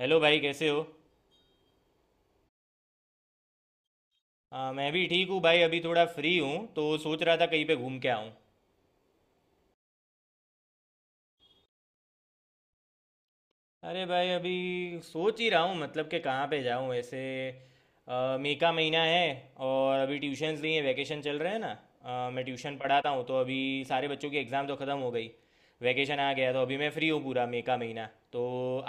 Hello भाई, कैसे हो। हाँ, मैं भी ठीक हूँ भाई। अभी थोड़ा फ्री हूँ तो सोच रहा था कहीं पे घूम के आऊँ। अरे भाई, अभी सोच ही रहा हूँ मतलब कि कहाँ पे जाऊँ ऐसे। मई का महीना है। और अभी ट्यूशन्स नहीं है, वैकेशन चल रहे हैं ना। मैं ट्यूशन पढ़ाता हूँ तो अभी सारे बच्चों की एग्ज़ाम तो ख़त्म हो गई। वैकेशन आ गया तो अभी मैं फ्री हूँ पूरा मई का महीना। तो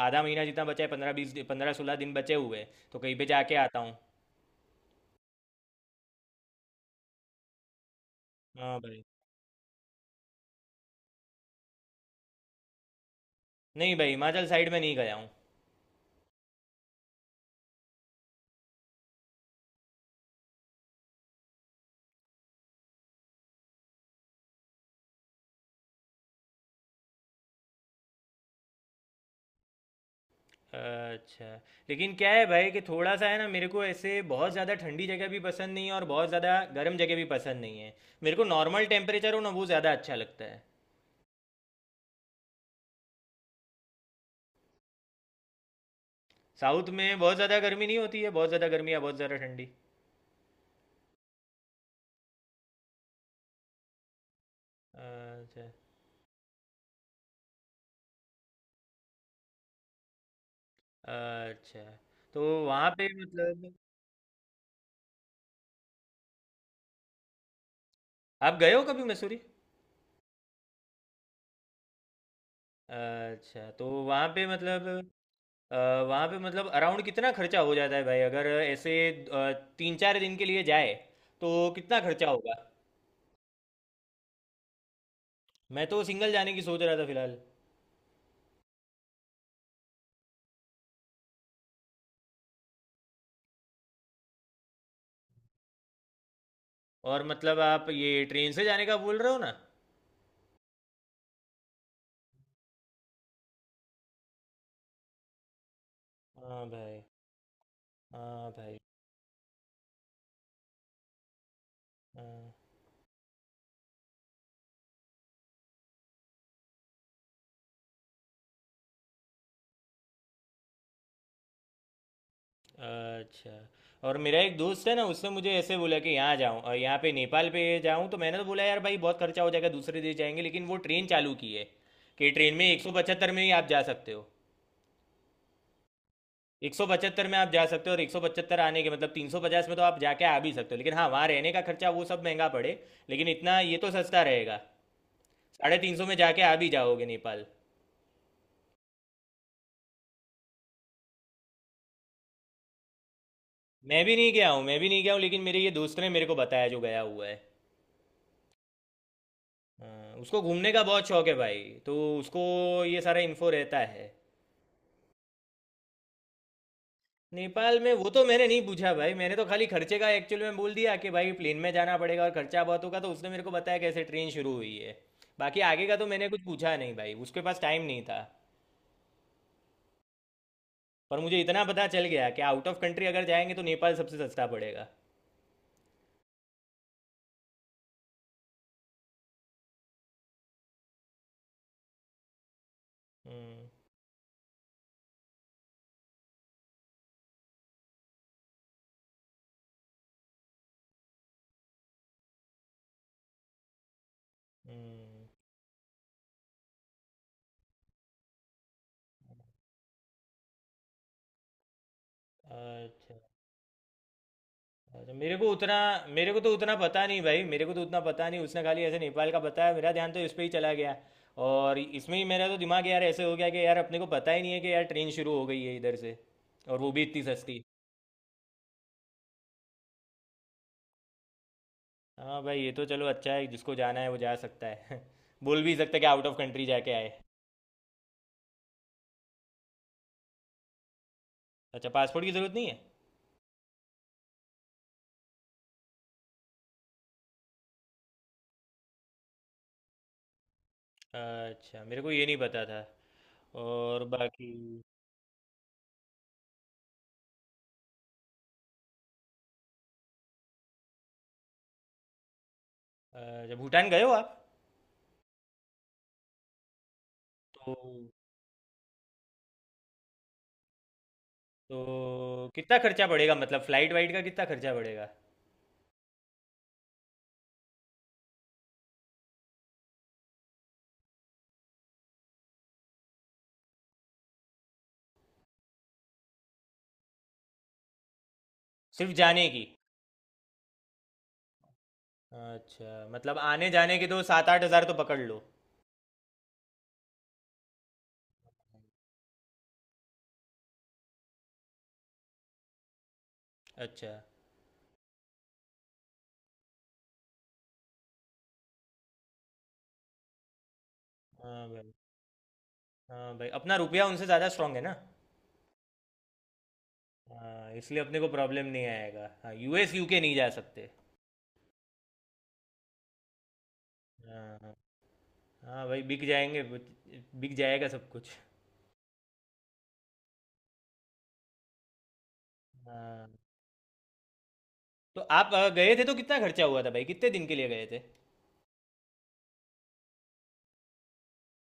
आधा महीना जितना बचा है, 15 20 15 16 दिन बचे हुए हैं तो कहीं पे जाके आता हूँ। हाँ भाई। नहीं भाई, हिमाचल साइड में नहीं गया हूँ। अच्छा। लेकिन क्या है भाई कि थोड़ा सा है ना, मेरे को ऐसे बहुत ज़्यादा ठंडी जगह भी पसंद नहीं है और बहुत ज़्यादा गर्म जगह भी पसंद नहीं है। मेरे को नॉर्मल टेम्परेचर हो ना, वो ज़्यादा अच्छा लगता है। साउथ में बहुत ज़्यादा गर्मी नहीं होती है, बहुत ज़्यादा गर्मी या बहुत ज़्यादा ठंडी। अच्छा। अच्छा, तो वहाँ पे मतलब। आप गए हो कभी मसूरी? अच्छा, तो वहाँ पे मतलब अ, वहाँ पे मतलब अराउंड कितना खर्चा हो जाता है भाई अगर ऐसे अ, 3-4 दिन के लिए जाए तो कितना खर्चा होगा? मैं तो सिंगल जाने की सोच रहा था फिलहाल। और मतलब आप ये ट्रेन से जाने का बोल रहे हो ना? हाँ भाई। हाँ भाई। हाँ। अच्छा। और मेरा एक दोस्त है ना, उसने मुझे ऐसे बोला कि यहाँ जाऊँ और यहाँ पे नेपाल पे जाऊँ, तो मैंने तो बोला यार भाई बहुत खर्चा हो जाएगा, दूसरे देश जाएंगे, लेकिन वो ट्रेन चालू की है। कि ट्रेन में 175 में ही आप जा सकते हो। 175 में आप जा सकते हो और 175 आने के मतलब 350 में तो आप जाके आ भी सकते हो, लेकिन हाँ, वहाँ रहने का खर्चा वो सब महंगा पड़े। लेकिन इतना ये तो सस्ता रहेगा। 350 में जाके आ भी जाओगे नेपाल। मैं भी नहीं गया हूँ, लेकिन मेरे ये दोस्त ने मेरे को बताया जो गया हुआ है। हाँ, उसको घूमने का बहुत शौक है भाई, तो उसको ये सारा इन्फो रहता है। नेपाल में वो तो मैंने नहीं पूछा भाई, मैंने तो खाली खर्चे का एक्चुअली में बोल दिया कि भाई प्लेन में जाना पड़ेगा और खर्चा बहुत होगा, तो उसने मेरे को बताया कैसे ट्रेन शुरू हुई है। बाकी आगे का तो मैंने कुछ पूछा नहीं भाई, उसके पास टाइम नहीं था। पर मुझे इतना पता चल गया कि आउट ऑफ कंट्री अगर जाएंगे तो नेपाल सबसे सस्ता पड़ेगा। हम्म। हम्म। अच्छा। अच्छा, मेरे को उतना मेरे को तो उतना पता नहीं भाई, मेरे को तो उतना पता नहीं, उसने खाली ऐसे नेपाल का बताया, मेरा ध्यान तो इस पे ही चला गया। और इसमें ही मेरा तो दिमाग यार ऐसे हो गया कि यार अपने को पता ही नहीं है कि यार ट्रेन शुरू हो गई है इधर से। और वो भी इतनी सस्ती। हाँ भाई, ये तो चलो अच्छा है, जिसको जाना है वो जा सकता है बोल भी सकता है कि आउट ऑफ कंट्री जाके आए। अच्छा, पासपोर्ट की ज़रूरत नहीं है? अच्छा, मेरे को ये नहीं पता था। और बाकी अच्छा, भूटान गए हो आप? तो तो कितना खर्चा पड़ेगा मतलब फ्लाइट वाइट का कितना खर्चा पड़ेगा? सिर्फ जाने की? अच्छा, मतलब आने जाने के तो 7-8 हज़ार तो पकड़ लो। अच्छा। हाँ भाई। हाँ भाई, अपना रुपया उनसे ज़्यादा स्ट्रांग है ना। हाँ, इसलिए अपने को प्रॉब्लम नहीं आएगा। हाँ, यूएस यूके नहीं जा सकते। हाँ। हाँ। हाँ भाई, बिक जाएंगे। बिक जाएगा सब कुछ। हाँ तो आप गए थे तो कितना खर्चा हुआ था भाई, कितने दिन के लिए गए थे?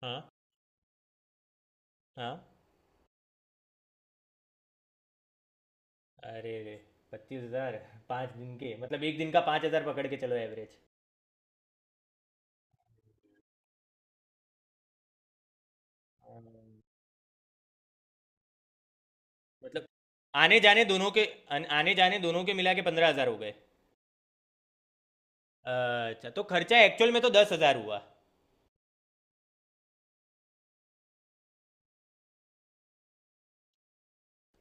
हाँ। हाँ। अरे रे! 25,000? 5 दिन के मतलब एक दिन का 5,000 पकड़ के चलो। एवरेज। मतलब आने जाने दोनों के आने जाने दोनों के मिला के 15,000 हो गए? अच्छा, तो खर्चा एक्चुअल में तो 10,000 हुआ।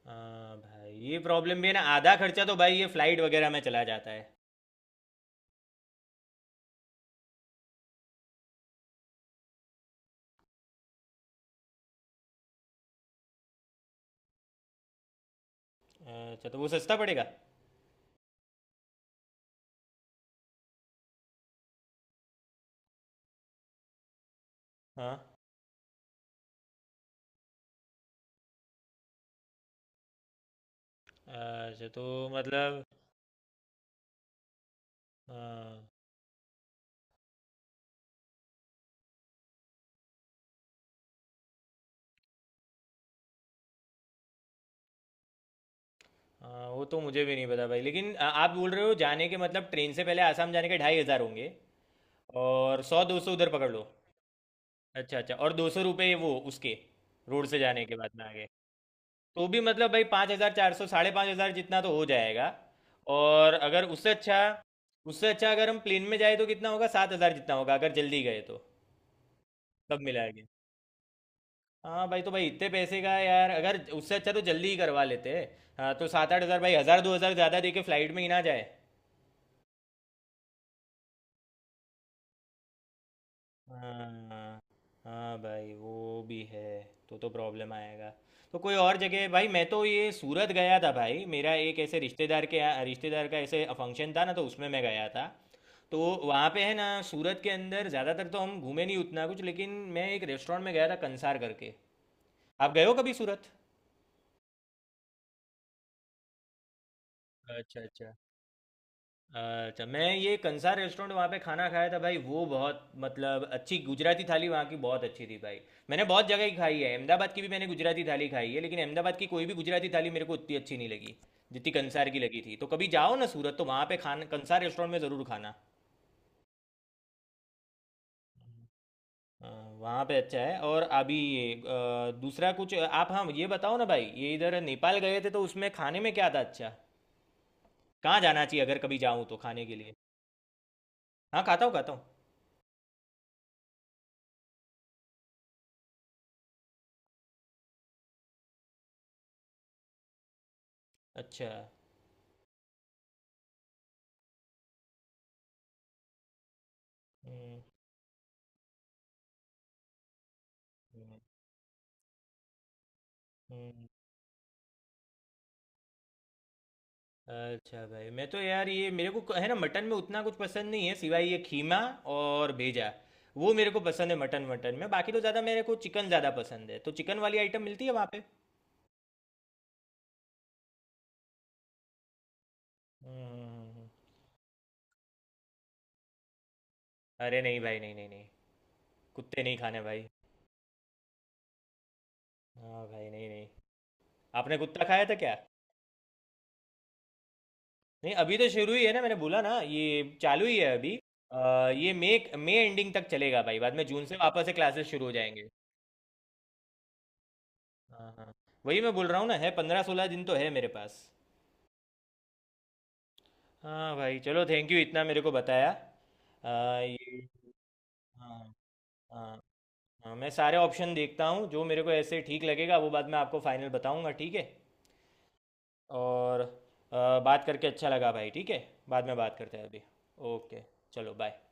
हाँ भाई, ये प्रॉब्लम भी है ना, आधा खर्चा तो भाई ये फ्लाइट वगैरह में चला जाता है। अच्छा, तो वो सस्ता पड़ेगा। हाँ। अच्छा तो मतलब हाँ। हाँ, वो तो मुझे भी नहीं पता भाई, लेकिन आप बोल रहे हो जाने के मतलब ट्रेन से पहले आसाम जाने के 2,500 होंगे। और 100-200 उधर पकड़ लो। अच्छा। अच्छा, और 200 रुपये वो उसके रोड से जाने के बाद में आगे। तो भी मतलब भाई 5,400 5,500 जितना तो हो जाएगा। और अगर उससे अच्छा उससे अच्छा अगर हम प्लेन में जाए तो कितना होगा, 7,000 जितना होगा अगर जल्दी गए तो? सब मिला के। हाँ भाई, तो भाई इतने पैसे का यार अगर उससे अच्छा तो जल्दी ही करवा लेते। हाँ तो 7-8 हज़ार भाई, 1-2 हज़ार ज़्यादा दे के फ्लाइट में ही ना जाए। हाँ। हाँ भाई, वो भी है। तो प्रॉब्लम आएगा। तो कोई और जगह भाई, मैं तो ये सूरत गया था भाई, मेरा एक ऐसे रिश्तेदार के यहाँ, रिश्तेदार का ऐसे फंक्शन था ना, तो उसमें मैं गया था। तो वहाँ पे है ना सूरत के अंदर ज़्यादातर तो हम घूमे नहीं उतना कुछ, लेकिन मैं एक रेस्टोरेंट में गया था कंसार करके। आप गए हो कभी सूरत? अच्छा। अच्छा। अच्छा, मैं ये कंसार रेस्टोरेंट वहाँ पे खाना खाया था भाई, वो बहुत मतलब अच्छी, गुजराती थाली वहाँ की बहुत अच्छी थी भाई। मैंने बहुत जगह की खाई है, अहमदाबाद की भी मैंने गुजराती थाली खाई है, लेकिन अहमदाबाद की कोई भी गुजराती थाली मेरे को उतनी अच्छी नहीं लगी जितनी कंसार की लगी थी। तो कभी जाओ ना सूरत तो वहाँ पे खाना कंसार रेस्टोरेंट में ज़रूर खाना। हाँ, वहाँ पे अच्छा है। और अभी ये दूसरा कुछ आप, हाँ ये बताओ ना भाई, ये इधर नेपाल गए थे तो उसमें खाने में क्या था अच्छा कहाँ जाना चाहिए अगर कभी जाऊँ तो खाने के लिए? हाँ, खाता हूँ, खाता हूँ। अच्छा। हम्म। हम्म। हम्म। अच्छा भाई, मैं तो यार ये मेरे को है ना मटन में उतना कुछ पसंद नहीं है सिवाय ये खीमा और भेजा। वो मेरे को पसंद है, मटन मटन में बाकी तो ज़्यादा मेरे को चिकन ज़्यादा पसंद है, तो चिकन वाली आइटम मिलती है वहाँ पे? हम्म। हम्म। हम्म। हम्म। अरे नहीं भाई, नहीं, नहीं, नहीं। कुत्ते नहीं खाने भाई। हाँ भाई, नहीं, नहीं। आपने कुत्ता खाया था क्या? नहीं, अभी तो शुरू ही है ना, मैंने बोला ना ये चालू ही है अभी। ये मई मई एंडिंग तक चलेगा भाई, बाद में जून से वापस से क्लासेस शुरू हो जाएंगे। हाँ। हाँ। वही मैं बोल रहा हूँ ना, है 15-16 दिन तो है मेरे पास। हाँ भाई, चलो, थैंक यू इतना मेरे को बताया ये। हाँ। हाँ। हाँ, मैं सारे ऑप्शन देखता हूँ, जो मेरे को ऐसे ठीक लगेगा वो बाद में आपको फाइनल बताऊँगा, ठीक है? और बात करके अच्छा लगा भाई, ठीक है। बाद में बात करते हैं अभी। ओके। चलो, बाय।